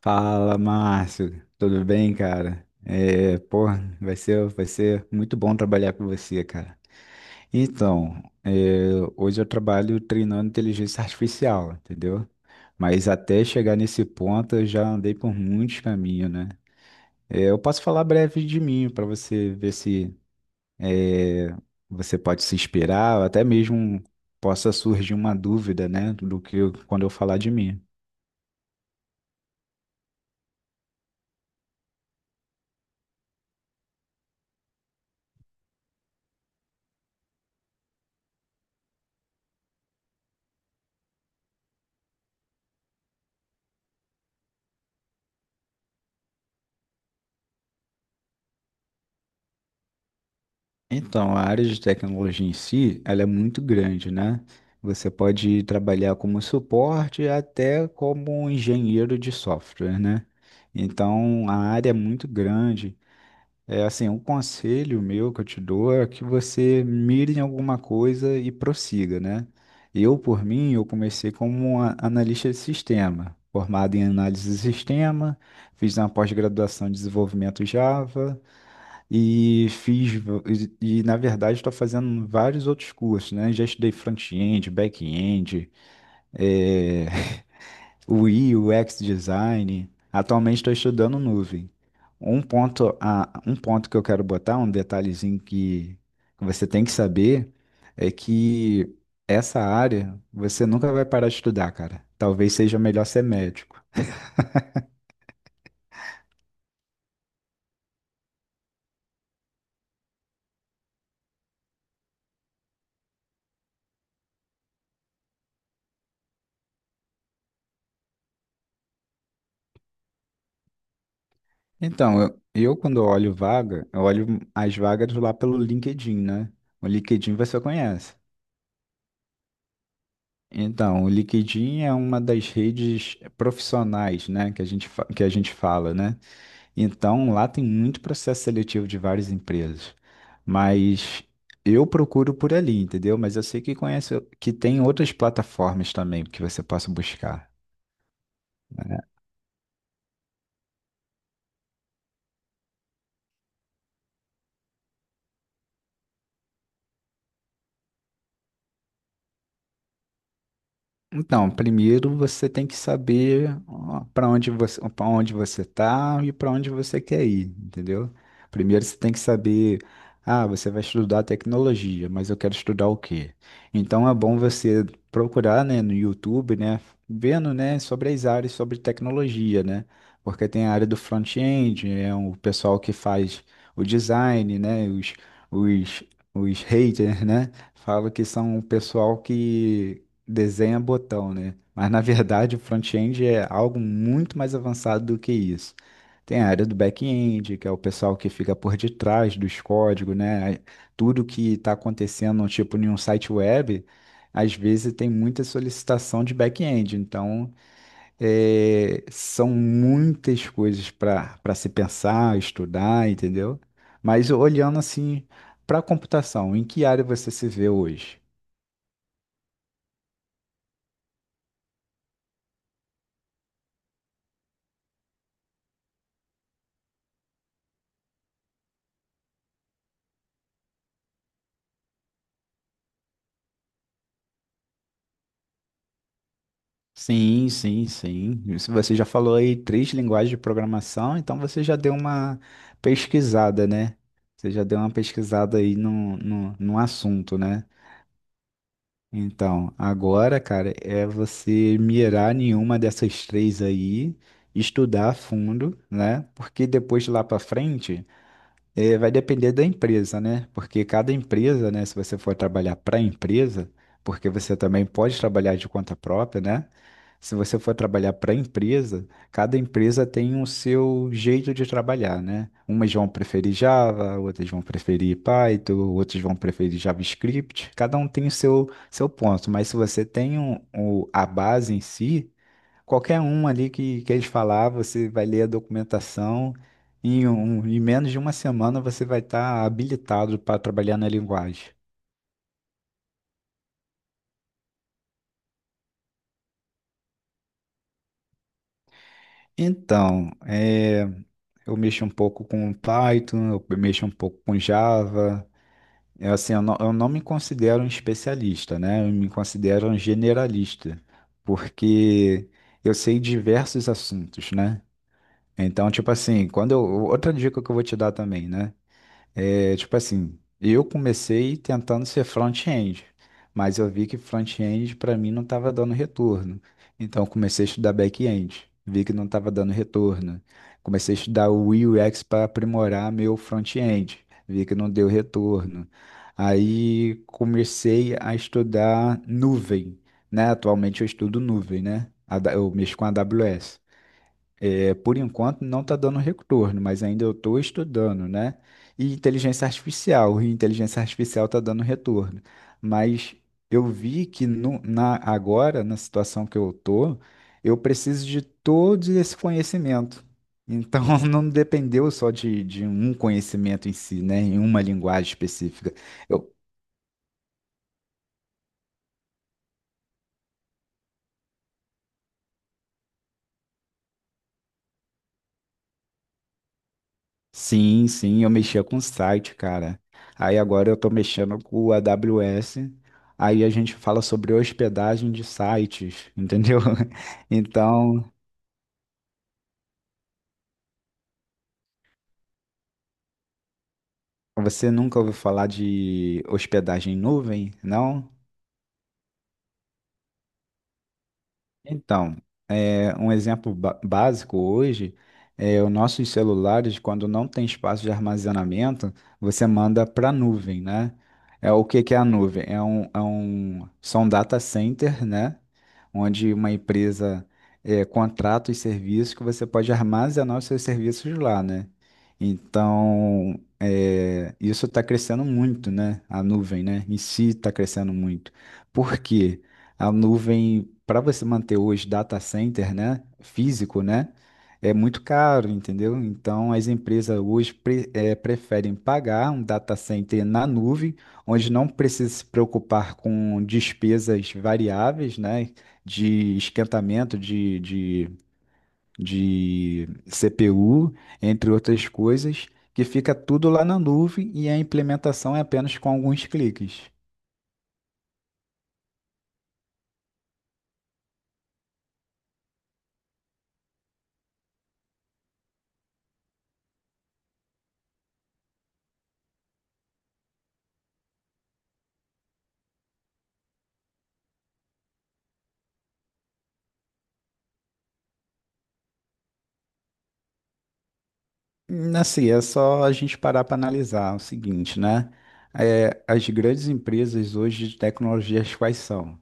Fala, Márcio. Tudo bem, cara? Vai ser muito bom trabalhar com você, cara. Então, é, hoje eu trabalho treinando inteligência artificial, entendeu? Mas até chegar nesse ponto, eu já andei por muitos caminhos, né? É, eu posso falar breve de mim para você ver se é, você pode se inspirar, ou até mesmo possa surgir uma dúvida, né, quando eu falar de mim. Então, a área de tecnologia em si, ela é muito grande, né? Você pode trabalhar como suporte até como engenheiro de software, né? Então, a área é muito grande. É assim, um conselho meu que eu te dou é que você mire em alguma coisa e prossiga, né? Eu comecei como analista de sistema, formado em análise de sistema, fiz uma pós-graduação em desenvolvimento Java, e fiz, na verdade estou fazendo vários outros cursos, né? Já estudei front-end, back-end, é, UI, UX design. Atualmente estou estudando nuvem. Um ponto que eu quero botar, um detalhezinho que você tem que saber, é que essa área você nunca vai parar de estudar, cara. Talvez seja melhor ser médico. Eu quando olho vaga, eu olho as vagas lá pelo LinkedIn, né? O LinkedIn você conhece. Então, o LinkedIn é uma das redes profissionais, né, que a gente fala, né? Então, lá tem muito processo seletivo de várias empresas. Mas eu procuro por ali, entendeu? Mas eu sei que conhece, que tem outras plataformas também que você possa buscar. Né? Então, primeiro você tem que saber para onde você tá e para onde você quer ir, entendeu? Primeiro você tem que saber, ah, você vai estudar tecnologia, mas eu quero estudar o quê? Então é bom você procurar, né, no YouTube, né, vendo, né, sobre as áreas sobre tecnologia, né? Porque tem a área do front-end, é o pessoal que faz o design, né, os, os haters, né? Falo que são o pessoal que desenha botão, né? Mas na verdade o front-end é algo muito mais avançado do que isso. Tem a área do back-end, que é o pessoal que fica por detrás dos códigos, né? Tudo que está acontecendo, tipo, em um site web, às vezes tem muita solicitação de back-end. Então, é, são muitas coisas para se pensar, estudar, entendeu? Mas olhando assim para a computação, em que área você se vê hoje? Sim, sim, sim. Isso. Você já falou aí três linguagens de programação, então você já deu uma pesquisada, né? Você já deu uma pesquisada aí no assunto, né? Então, agora, cara, é você mirar nenhuma dessas três aí, estudar a fundo, né? Porque depois lá pra frente. É, vai depender da empresa, né? Porque cada empresa, né? Se você for trabalhar para empresa, porque você também pode trabalhar de conta própria, né? Se você for trabalhar para empresa, cada empresa tem o seu jeito de trabalhar, né? Umas vão preferir Java, outras vão preferir Python, outras vão preferir JavaScript. Cada um tem seu ponto, mas se você tem a base em si, qualquer um ali que eles falar, você vai ler a documentação. Em menos de uma semana você vai estar habilitado para trabalhar na linguagem. Então, é, eu mexo um pouco com Python, eu mexo um pouco com Java. É assim, eu não me considero um especialista, né? Eu me considero um generalista, porque eu sei diversos assuntos, né? Então, tipo assim, outra dica que eu vou te dar também, né? É, tipo assim, eu comecei tentando ser front-end, mas eu vi que front-end para mim não estava dando retorno. Então eu comecei a estudar back-end, vi que não estava dando retorno. Comecei a estudar o UX para aprimorar meu front-end, vi que não deu retorno. Aí comecei a estudar nuvem, né? Atualmente eu estudo nuvem, né? Eu mexo com a AWS. É, por enquanto não está dando retorno, mas ainda eu estou estudando, né? E inteligência artificial está dando retorno. Mas eu vi que agora, na situação que eu estou, eu preciso de todo esse conhecimento. Então, não dependeu só de um conhecimento em si, né? Em uma linguagem específica. Eu Sim, sim, eu mexia com site, cara. Aí agora eu tô mexendo com o AWS. Aí a gente fala sobre hospedagem de sites, entendeu? Então, você nunca ouviu falar de hospedagem em nuvem, não? Então, é, um exemplo básico hoje é os nossos celulares, quando não tem espaço de armazenamento, você manda para a nuvem, né? É o que que é a nuvem? São data center, né? Onde uma empresa é, contrata os serviços que você pode armazenar os seus serviços lá, né? Então, é, isso está crescendo muito, né? A nuvem, né? Em si está crescendo muito. Por quê? A nuvem, para você manter hoje data center, né, físico, né, é muito caro, entendeu? Então, as empresas hoje preferem pagar um data center na nuvem, onde não precisa se preocupar com despesas variáveis, né, de esquentamento de CPU, entre outras coisas, que fica tudo lá na nuvem e a implementação é apenas com alguns cliques. Assim, é só a gente parar para analisar o seguinte, né? É, as grandes empresas hoje de tecnologias quais são?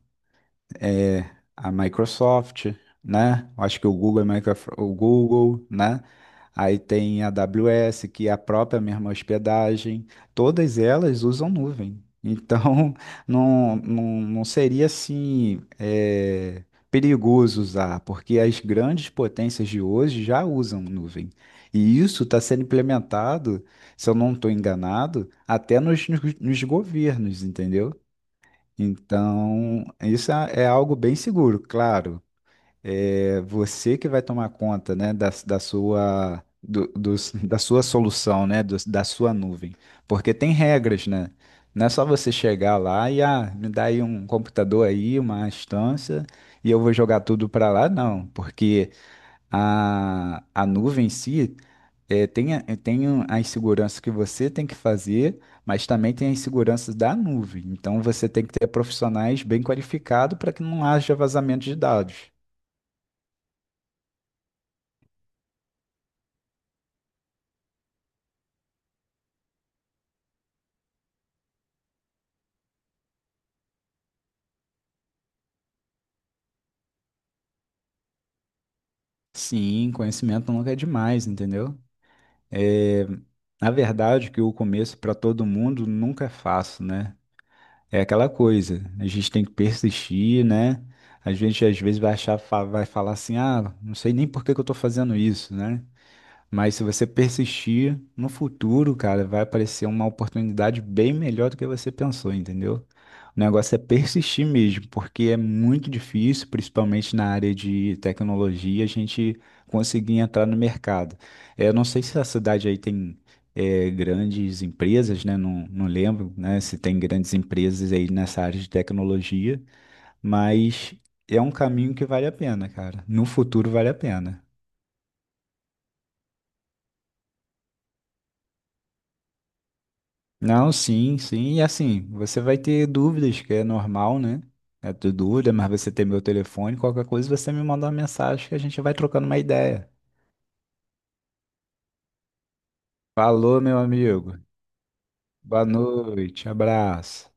A Microsoft, né? Eu acho que o Google, né? Aí tem a AWS, que é a própria mesma hospedagem. Todas elas usam nuvem. Então, não seria assim, é, perigoso usar, porque as grandes potências de hoje já usam nuvem. E isso está sendo implementado, se eu não estou enganado, até nos nos governos, entendeu? Então, isso é algo bem seguro, claro. É você que vai tomar conta, né, da sua da sua solução, né, da sua nuvem, porque tem regras, né? Não é só você chegar lá e ah, me dá aí um computador aí, uma instância e eu vou jogar tudo para lá, não, porque a nuvem em si é, tem, a- tem um- a insegurança que você tem que fazer, mas também tem a insegurança da nuvem. Então você tem que ter profissionais bem qualificados para que não haja vazamento de dados. Sim, conhecimento nunca é demais, entendeu? É, na verdade, que o começo para todo mundo nunca é fácil, né? É aquela coisa, a gente tem que persistir, né? A gente às vezes vai achar, vai falar assim, ah, não sei nem por que que eu estou fazendo isso, né? Mas se você persistir no futuro, cara, vai aparecer uma oportunidade bem melhor do que você pensou, entendeu? O negócio é persistir mesmo, porque é muito difícil, principalmente na área de tecnologia, a gente conseguir entrar no mercado. É, eu não sei se a cidade aí tem eh, grandes empresas, né? Não, não lembro, né? Se tem grandes empresas aí nessa área de tecnologia, mas é um caminho que vale a pena, cara. No futuro vale a pena. Não, sim, sim. E assim, você vai ter dúvidas, que é normal, né? É ter dúvida, mas você tem meu telefone, qualquer coisa você me manda uma mensagem que a gente vai trocando uma ideia. Falou, meu amigo. Boa noite, abraço.